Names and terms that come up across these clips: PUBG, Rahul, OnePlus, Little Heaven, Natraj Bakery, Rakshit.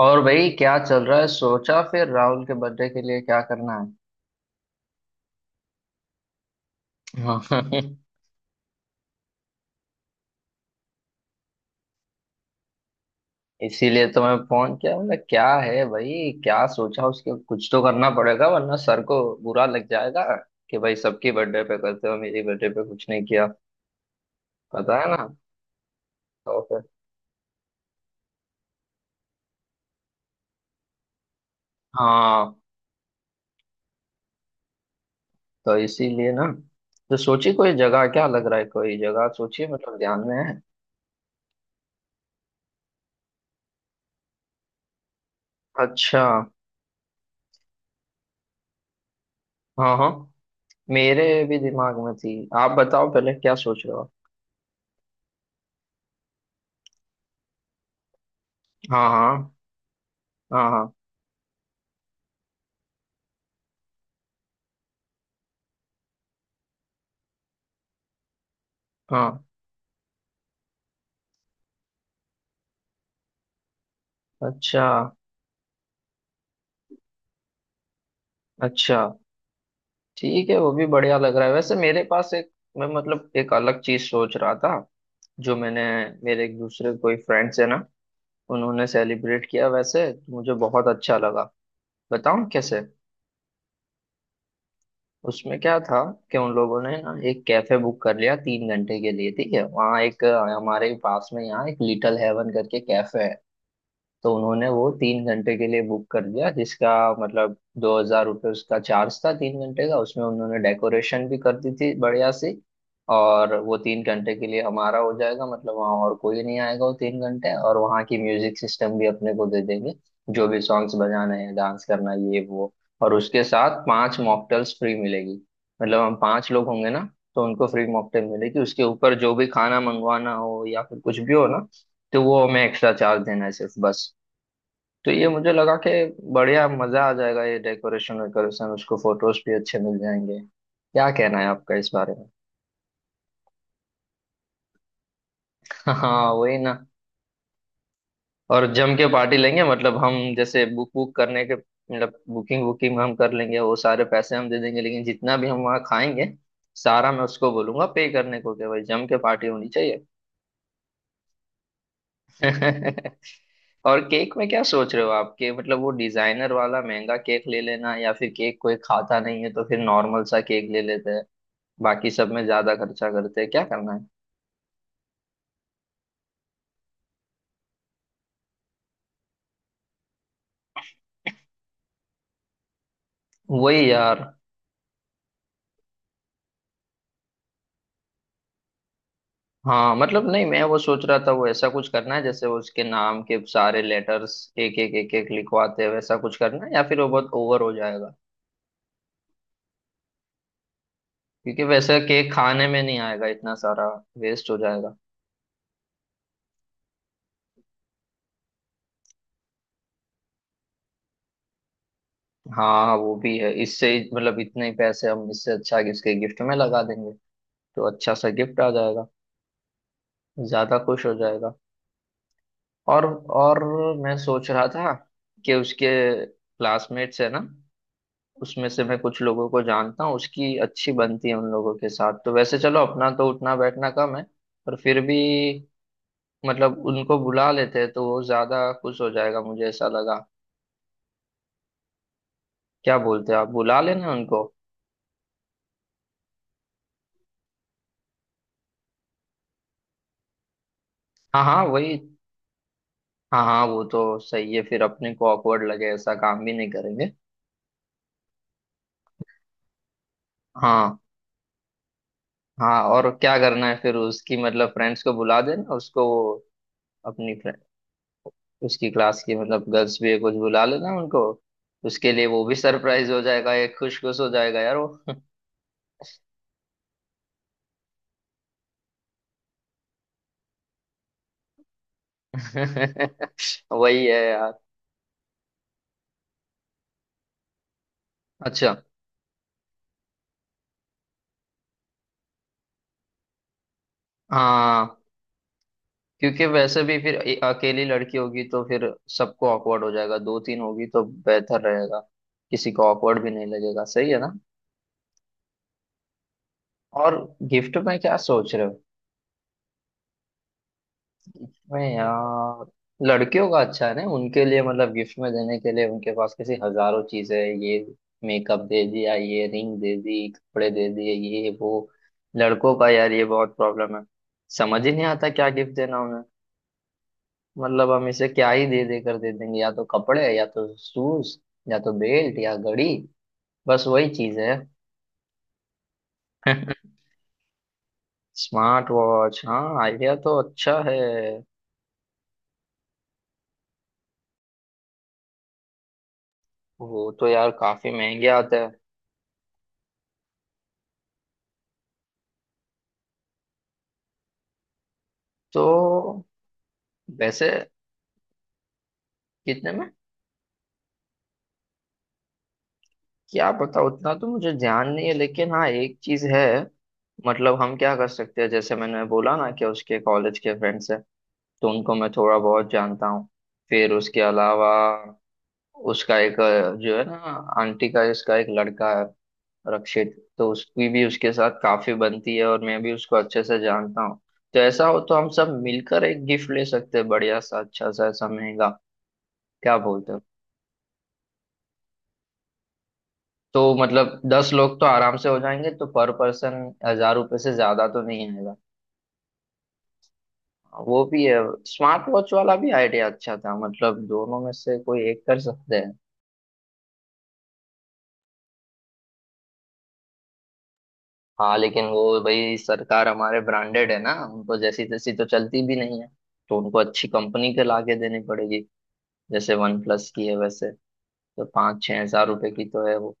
और भाई क्या चल रहा है? सोचा फिर राहुल के बर्थडे के लिए क्या करना है। हाँ। इसीलिए तो मैं फोन किया, मतलब क्या है भाई, क्या सोचा उसके? कुछ तो करना पड़ेगा वरना सर को बुरा लग जाएगा कि भाई सबकी बर्थडे पे करते हो, मेरी बर्थडे पे कुछ नहीं किया। पता है ना। तो फिर। हाँ। तो इसीलिए ना। तो सोची कोई जगह? क्या लग रहा है, कोई जगह सोचिए, मतलब ध्यान में है? अच्छा। हाँ हाँ, मेरे भी दिमाग में थी। आप बताओ पहले क्या सोच रहे हो। हाँ हाँ। हाँ हाँ। हाँ। अच्छा। अच्छा। ठीक है, वो भी बढ़िया लग रहा है। वैसे मेरे पास एक, मैं मतलब एक अलग चीज सोच रहा था जो मैंने, मेरे एक दूसरे कोई फ्रेंड्स है ना, उन्होंने सेलिब्रेट किया वैसे, तो मुझे बहुत अच्छा लगा। बताऊं कैसे? उसमें क्या था कि उन लोगों ने ना एक कैफे बुक कर लिया 3 घंटे के लिए, ठीक है, वहाँ एक हमारे पास में यहाँ एक लिटिल हेवन करके कैफे है। तो उन्होंने वो तीन घंटे के लिए बुक कर दिया, जिसका मतलब ₹2000 उसका चार्ज था 3 घंटे का। उसमें उन्होंने डेकोरेशन भी कर दी थी बढ़िया सी। और वो 3 घंटे के लिए हमारा हो जाएगा, मतलब वहाँ और कोई नहीं आएगा वो 3 घंटे, और वहाँ की म्यूजिक सिस्टम भी अपने को दे देंगे। जो भी सॉन्ग्स बजाने हैं, डांस करना है, ये वो। और उसके साथ 5 मॉकटेल्स फ्री मिलेगी, मतलब हम 5 लोग होंगे ना, तो उनको फ्री मॉकटेल मिलेगी। उसके ऊपर जो भी खाना मंगवाना हो या फिर कुछ भी हो ना, तो वो हमें एक्स्ट्रा चार्ज देना है सिर्फ, बस। तो ये मुझे लगा कि बढ़िया मजा आ जाएगा, ये डेकोरेशन वेकोरेशन, उसको फोटोज भी अच्छे मिल जाएंगे। क्या कहना है आपका इस बारे में? हाँ वही ना। और जम के पार्टी लेंगे, मतलब हम जैसे बुक बुक करने के, मतलब बुकिंग, बुकिंग हम कर लेंगे, वो सारे पैसे हम दे देंगे, लेकिन जितना भी हम वहाँ खाएंगे सारा मैं उसको बोलूंगा पे करने को कि भाई जम के पार्टी होनी चाहिए। और केक में क्या सोच रहे हो आप? कि मतलब वो डिजाइनर वाला महंगा केक ले लेना, या फिर केक कोई खाता नहीं है तो फिर नॉर्मल सा केक ले लेते हैं, बाकी सब में ज्यादा खर्चा करते हैं, क्या करना है? वही यार। हाँ, मतलब नहीं, मैं वो सोच रहा था वो ऐसा कुछ करना है जैसे वो उसके नाम के सारे लेटर्स एक एक एक एक लिखवाते हैं, वैसा कुछ करना है, या फिर वो बहुत ओवर हो जाएगा? क्योंकि वैसा केक खाने में नहीं आएगा इतना सारा, वेस्ट हो जाएगा। हाँ वो भी है, मतलब इतने ही पैसे हम, इससे अच्छा कि इसके गिफ्ट में लगा देंगे, तो अच्छा सा गिफ्ट आ जाएगा, ज्यादा खुश हो जाएगा। और। और। मैं सोच रहा था कि उसके क्लासमेट्स है ना, उसमें से मैं कुछ लोगों को जानता हूँ, उसकी अच्छी बनती है उन लोगों के साथ। तो वैसे चलो अपना तो उठना बैठना कम है, पर फिर भी मतलब उनको बुला लेते हैं तो वो ज्यादा खुश हो जाएगा, मुझे ऐसा लगा। क्या बोलते हो आप, बुला लेना उनको? हाँ हाँ वही। हाँ हाँ, वो तो सही है, फिर अपने को awkward लगे ऐसा काम भी नहीं करेंगे। हाँ। हाँ, और क्या करना है फिर? उसकी मतलब फ्रेंड्स को बुला देना उसको, अपनी, उसकी क्लास की मतलब गर्ल्स भी कुछ बुला लेना उनको, उसके लिए वो भी सरप्राइज हो जाएगा एक, खुश खुश हो जाएगा यार वो। वही है यार। अच्छा। हाँ, क्योंकि वैसे भी फिर अकेली लड़की होगी तो फिर सबको ऑकवर्ड हो जाएगा, दो तीन होगी तो बेहतर रहेगा, किसी को ऑकवर्ड भी नहीं लगेगा, सही है ना? और गिफ्ट में क्या सोच रहे? मैं यार, लड़कियों का अच्छा है ना, उनके लिए मतलब गिफ्ट में देने के लिए उनके पास कैसी हजारों चीजें हैं, ये मेकअप दे दिया, ये रिंग दे दी, कपड़े दे दिए, ये वो। लड़कों का यार ये बहुत प्रॉब्लम है, समझ ही नहीं आता क्या गिफ्ट देना उन्हें। मतलब हम इसे क्या ही दे दे कर दे देंगे, या तो कपड़े, या तो शूज, या तो बेल्ट, या घड़ी, बस वही चीज है। स्मार्ट वॉच, हाँ, आइडिया तो अच्छा है। वो तो यार काफी महंगे आते हैं। तो वैसे। कितने में? क्या पता, उतना तो मुझे ध्यान नहीं है, लेकिन हाँ एक चीज है, मतलब हम क्या कर सकते हैं, जैसे मैंने बोला ना कि उसके कॉलेज के फ्रेंड्स हैं, तो उनको मैं थोड़ा बहुत जानता हूँ। फिर उसके अलावा उसका एक जो है ना, आंटी का इसका एक लड़का है, रक्षित, तो उसकी भी उसके साथ काफी बनती है, और मैं भी उसको अच्छे से जानता हूँ। तो ऐसा हो तो हम सब मिलकर एक गिफ्ट ले सकते हैं बढ़िया सा, अच्छा सा, ऐसा महंगा। क्या बोलते हो? तो मतलब 10 लोग तो आराम से हो जाएंगे, तो पर पर्सन 1000 रुपये से ज्यादा तो नहीं आएगा। वो भी है। स्मार्ट वॉच वाला भी आइडिया अच्छा था, मतलब दोनों में से कोई एक कर सकते हैं। हाँ, लेकिन वो भाई सरकार हमारे ब्रांडेड है ना, उनको जैसी तैसी तो चलती भी नहीं है, तो उनको अच्छी कंपनी के लाके देनी पड़ेगी, जैसे वन प्लस की है वैसे, तो 5-6 हजार रुपए की तो है वो।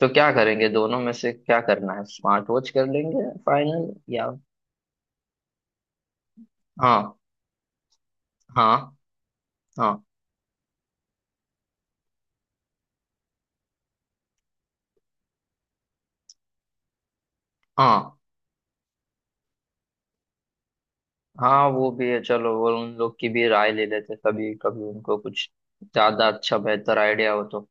तो क्या करेंगे, दोनों में से क्या करना है, स्मार्ट वॉच कर लेंगे फाइनल, या? हाँ। हाँ। हाँ। हाँ। हाँ, वो भी है, चलो वो उन लोग की भी राय ले लेते, कभी कभी उनको कुछ ज्यादा अच्छा बेहतर आइडिया हो तो।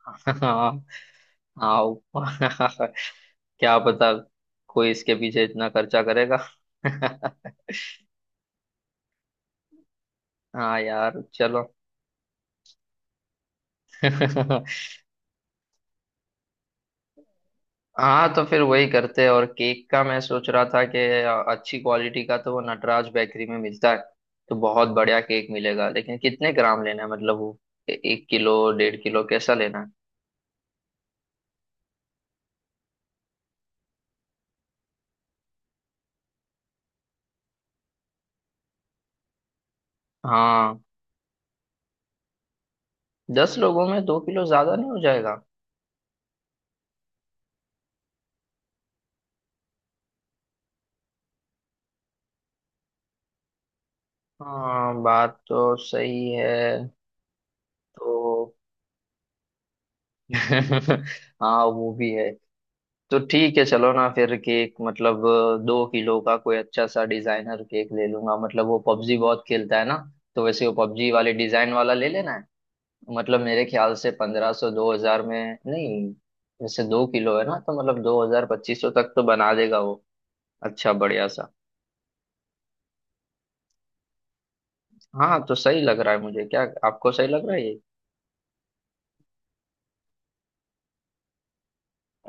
हाँ। हाँ वो- क्या पता, कोई इसके पीछे इतना खर्चा करेगा। हाँ यार चलो। हाँ तो फिर वही करते हैं। और केक का मैं सोच रहा था कि अच्छी क्वालिटी का तो वो नटराज बेकरी में मिलता है, तो बहुत बढ़िया केक मिलेगा, लेकिन कितने ग्राम लेना है, मतलब वो 1 किलो, 1.5 किलो, कैसा लेना है? हाँ, 10 लोगों में 2 किलो ज्यादा नहीं हो जाएगा? हाँ, बात तो सही है। तो हाँ वो भी है। तो ठीक है, चलो ना, फिर केक मतलब 2 किलो का कोई अच्छा सा डिजाइनर केक ले लूंगा। मतलब वो पबजी बहुत खेलता है ना, तो वैसे वो पबजी वाले डिजाइन वाला ले लेना है। मतलब मेरे ख्याल से 1500 2000 में नहीं, वैसे 2 किलो है ना, तो मतलब 2000 2500 तक तो बना देगा वो, अच्छा बढ़िया सा। हाँ तो सही लग रहा है मुझे, क्या आपको सही लग रहा है?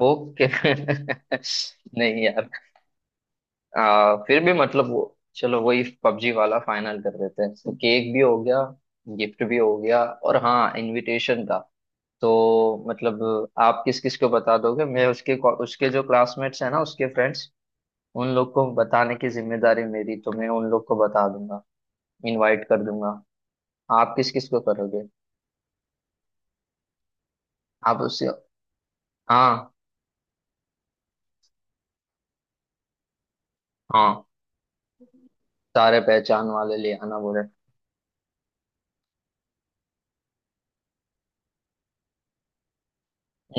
ओके। नहीं यार, फिर भी मतलब वो, चलो वही पबजी वाला फाइनल कर देते हैं, तो केक भी हो गया, गिफ्ट भी हो गया। और हाँ, इनविटेशन का तो मतलब आप किस किस को बता दोगे? मैं उसके, उसके जो क्लासमेट्स हैं ना, उसके फ्रेंड्स, उन लोग को बताने की जिम्मेदारी मेरी, तो मैं उन लोग को बता दूंगा, इनवाइट कर दूंगा। आप किस किस को करोगे? आप उससे। हाँ हाँ, सारे पहचान वाले ले आना बोले।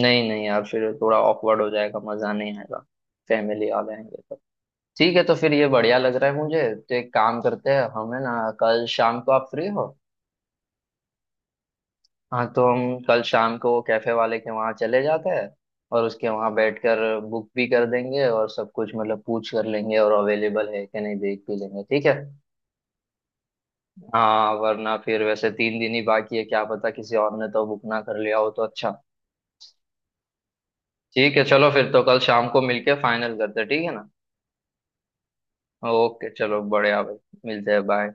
नहीं नहीं यार, फिर थोड़ा ऑकवर्ड हो जाएगा, मजा नहीं आएगा, फैमिली आ जाएंगे तो। ठीक है, तो फिर ये बढ़िया लग रहा है मुझे। तो एक काम करते हैं हम है ना, कल शाम को आप फ्री हो? हाँ तो हम कल शाम को कैफे वाले के वहाँ चले जाते हैं, और उसके वहाँ बैठकर बुक भी कर देंगे, और सब कुछ मतलब पूछ कर लेंगे, और अवेलेबल है कि नहीं देख भी लेंगे, ठीक है? हाँ वरना फिर वैसे 3 दिन ही बाकी है, क्या पता किसी और ने तो बुक ना कर लिया हो, तो अच्छा। ठीक है, चलो फिर तो कल शाम को मिलके फाइनल करते हैं, ठीक है ना? ओके चलो बढ़िया भाई, मिलते हैं, बाय।